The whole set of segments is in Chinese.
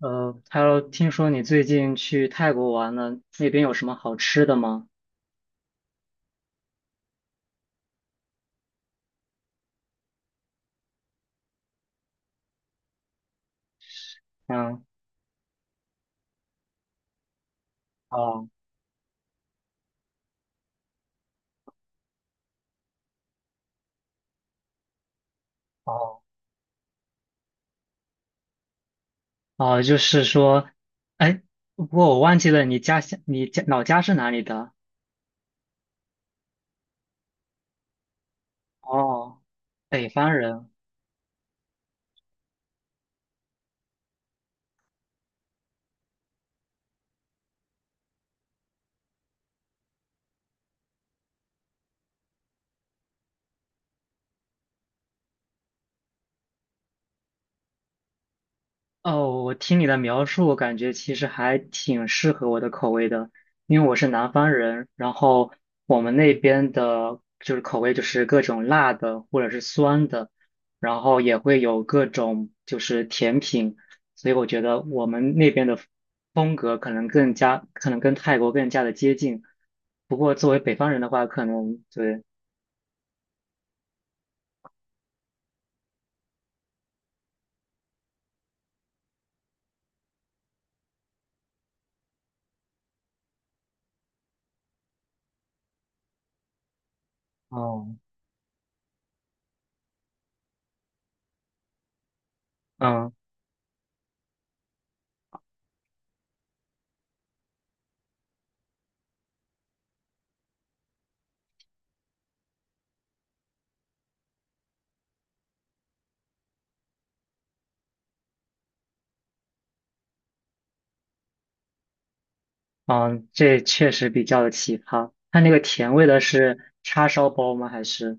听说你最近去泰国玩了，那边有什么好吃的吗？嗯。哦哦，哦，就是说，哎，不过我忘记了你家乡，你家老家是哪里的？哦，北方人。哦，我听你的描述，我感觉其实还挺适合我的口味的，因为我是南方人，然后我们那边的就是口味就是各种辣的或者是酸的，然后也会有各种就是甜品，所以我觉得我们那边的风格可能更加，可能跟泰国更加的接近。不过作为北方人的话，可能对，哦，嗯。嗯，这确实比较的奇葩。它那个甜味的是叉烧包吗？还是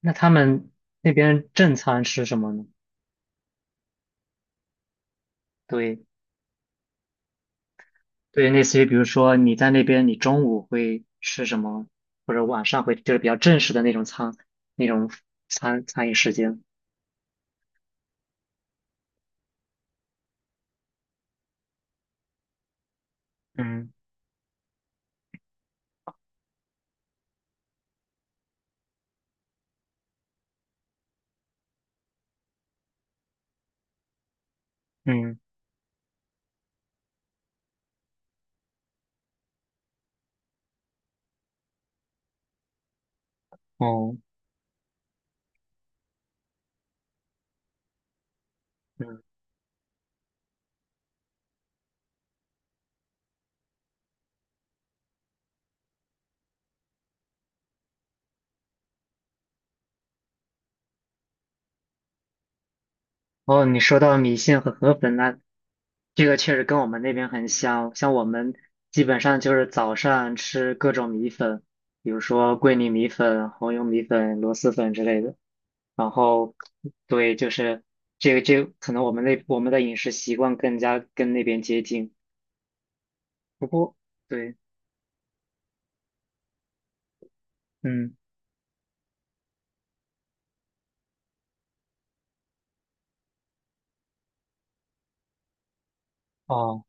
那他们那边正餐吃什么呢？对对，类似于比如说你在那边，你中午会吃什么，或者晚上会就是比较正式的那种餐，那种餐餐饮时间。嗯嗯，哦，嗯。哦，你说到米线和河粉，那这个确实跟我们那边很像，像我们基本上就是早上吃各种米粉，比如说桂林米粉、红油米粉、螺蛳粉之类的。然后，对，就是这个可能我们那我们的饮食习惯更加跟那边接近。不过，对。嗯。哦。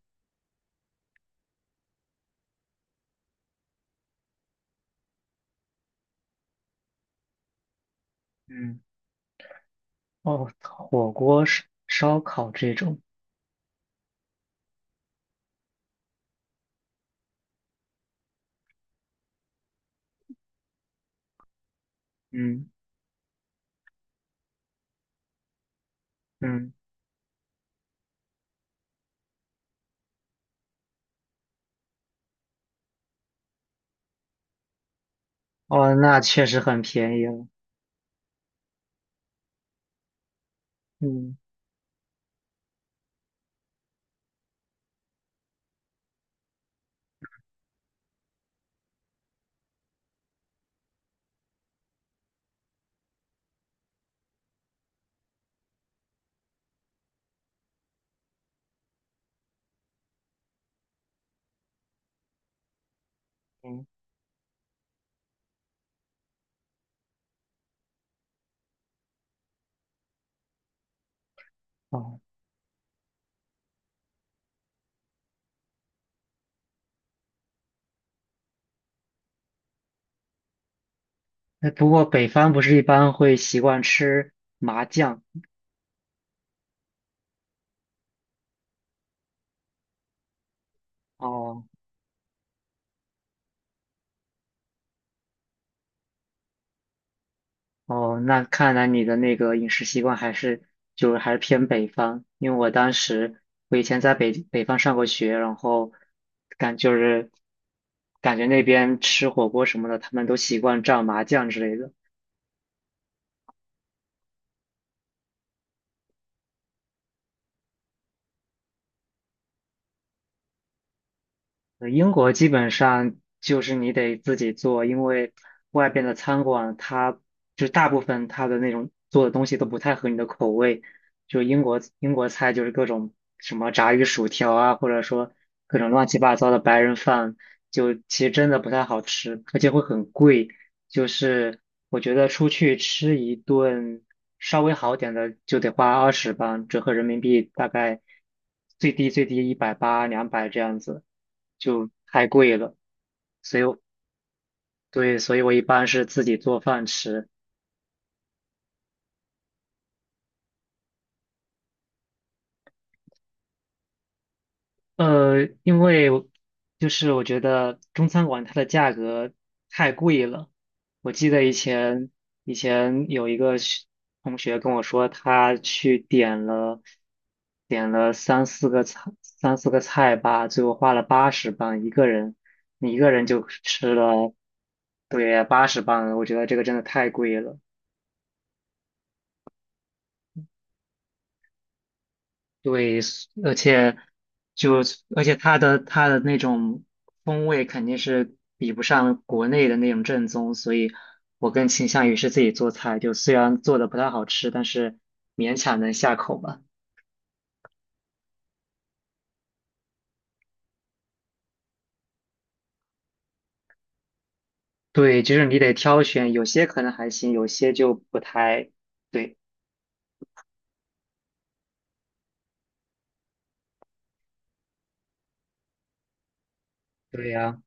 嗯。哦，火锅、烧烤这种。嗯嗯。哦，那确实很便宜了。嗯嗯。哦。哎，不过北方不是一般会习惯吃麻酱。哦哦，那看来你的那个饮食习惯还是就是还是偏北方，因为我当时我以前在北方上过学，然后感就是感觉那边吃火锅什么的，他们都习惯蘸麻酱之类的。英国基本上就是你得自己做，因为外边的餐馆它就大部分它的那种做的东西都不太合你的口味。就英国菜就是各种什么炸鱼薯条啊，或者说各种乱七八糟的白人饭，就其实真的不太好吃，而且会很贵。就是我觉得出去吃一顿稍微好点的就得花二十吧，折合人民币大概最低最低180200这样子，就太贵了。所以我对，所以我一般是自己做饭吃。因为我就是我觉得中餐馆它的价格太贵了。我记得以前有一个同学跟我说，他去点了三四个菜吧，最后花了八十磅一个人，你一个人就吃了，对，八十磅，我觉得这个真的太贵了。对，而且就而且它的那种风味肯定是比不上国内的那种正宗，所以我更倾向于是自己做菜，就虽然做的不太好吃，但是勉强能下口吧。对，就是你得挑选，有些可能还行，有些就不太对。对呀，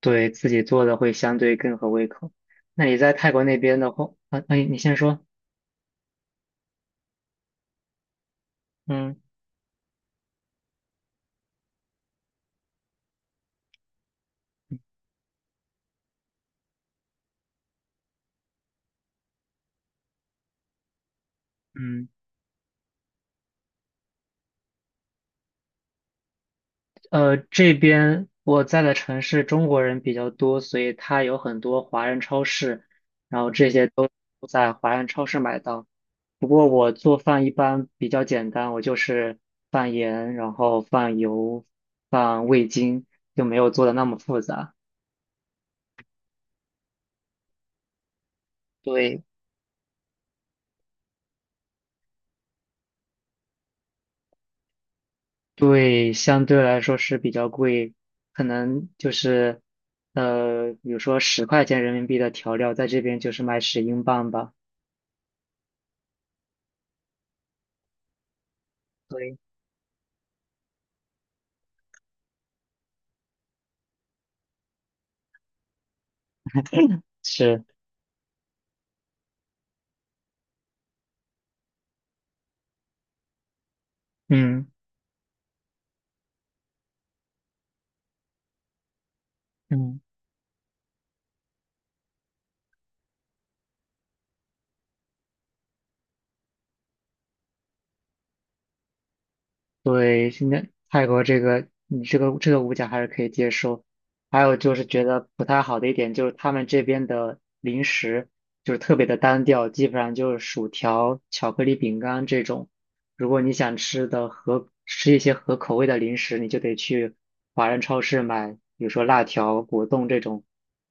对自己做的会相对更合胃口。那你在泰国那边的话，啊，那你先说。嗯嗯。这边我在的城市中国人比较多，所以它有很多华人超市，然后这些都在华人超市买到。不过我做饭一般比较简单，我就是放盐，然后放油，放味精，就没有做的那么复杂。对。对，相对来说是比较贵，可能就是比如说十块钱人民币的调料，在这边就是卖10英镑吧。对。是。嗯。嗯。对，现在泰国这个，你这个物价还是可以接受。还有就是觉得不太好的一点就是他们这边的零食就是特别的单调，基本上就是薯条、巧克力饼干这种。如果你想吃的合吃一些合口味的零食，你就得去华人超市买，比如说辣条、果冻这种。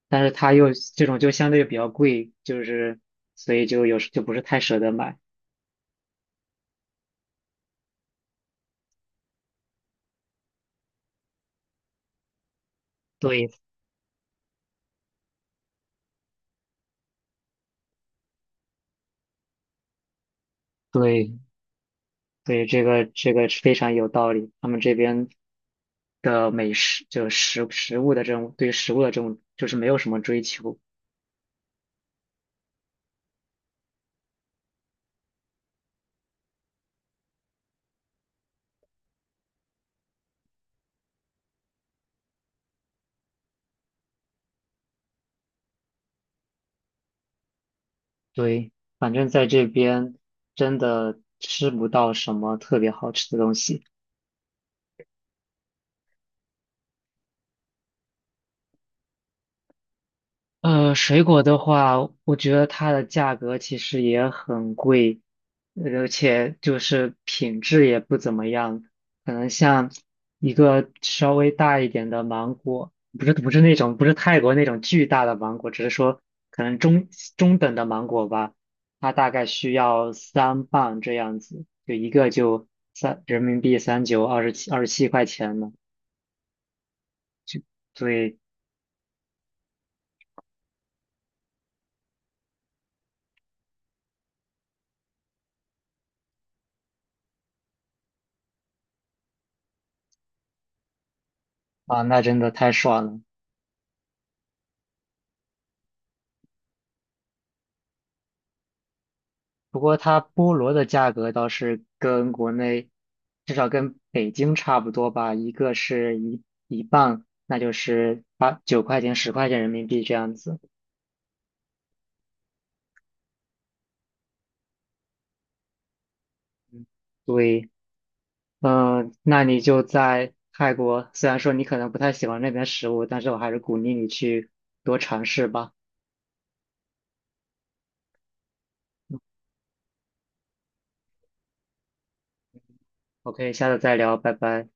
但是它又这种就相对比较贵，就是所以就有时就不是太舍得买。对对，对，这个是非常有道理。他们这边的美食，就食物的这种对食物的这种，就是没有什么追求。对，反正在这边真的吃不到什么特别好吃的东西。水果的话，我觉得它的价格其实也很贵，而且就是品质也不怎么样。可能像一个稍微大一点的芒果，不是不是那种不是泰国那种巨大的芒果，只是说可能中等的芒果吧，它大概需要3磅这样子，就一个就三，人民币三九二十七，27块钱呢。对啊，那真的太爽了。不过它菠萝的价格倒是跟国内，至少跟北京差不多吧，一个是一磅，那就是8、9块钱、十块钱人民币这样子。嗯。对。嗯，那你就在泰国，虽然说你可能不太喜欢那边食物，但是我还是鼓励你去多尝试吧。OK，下次再聊，拜拜。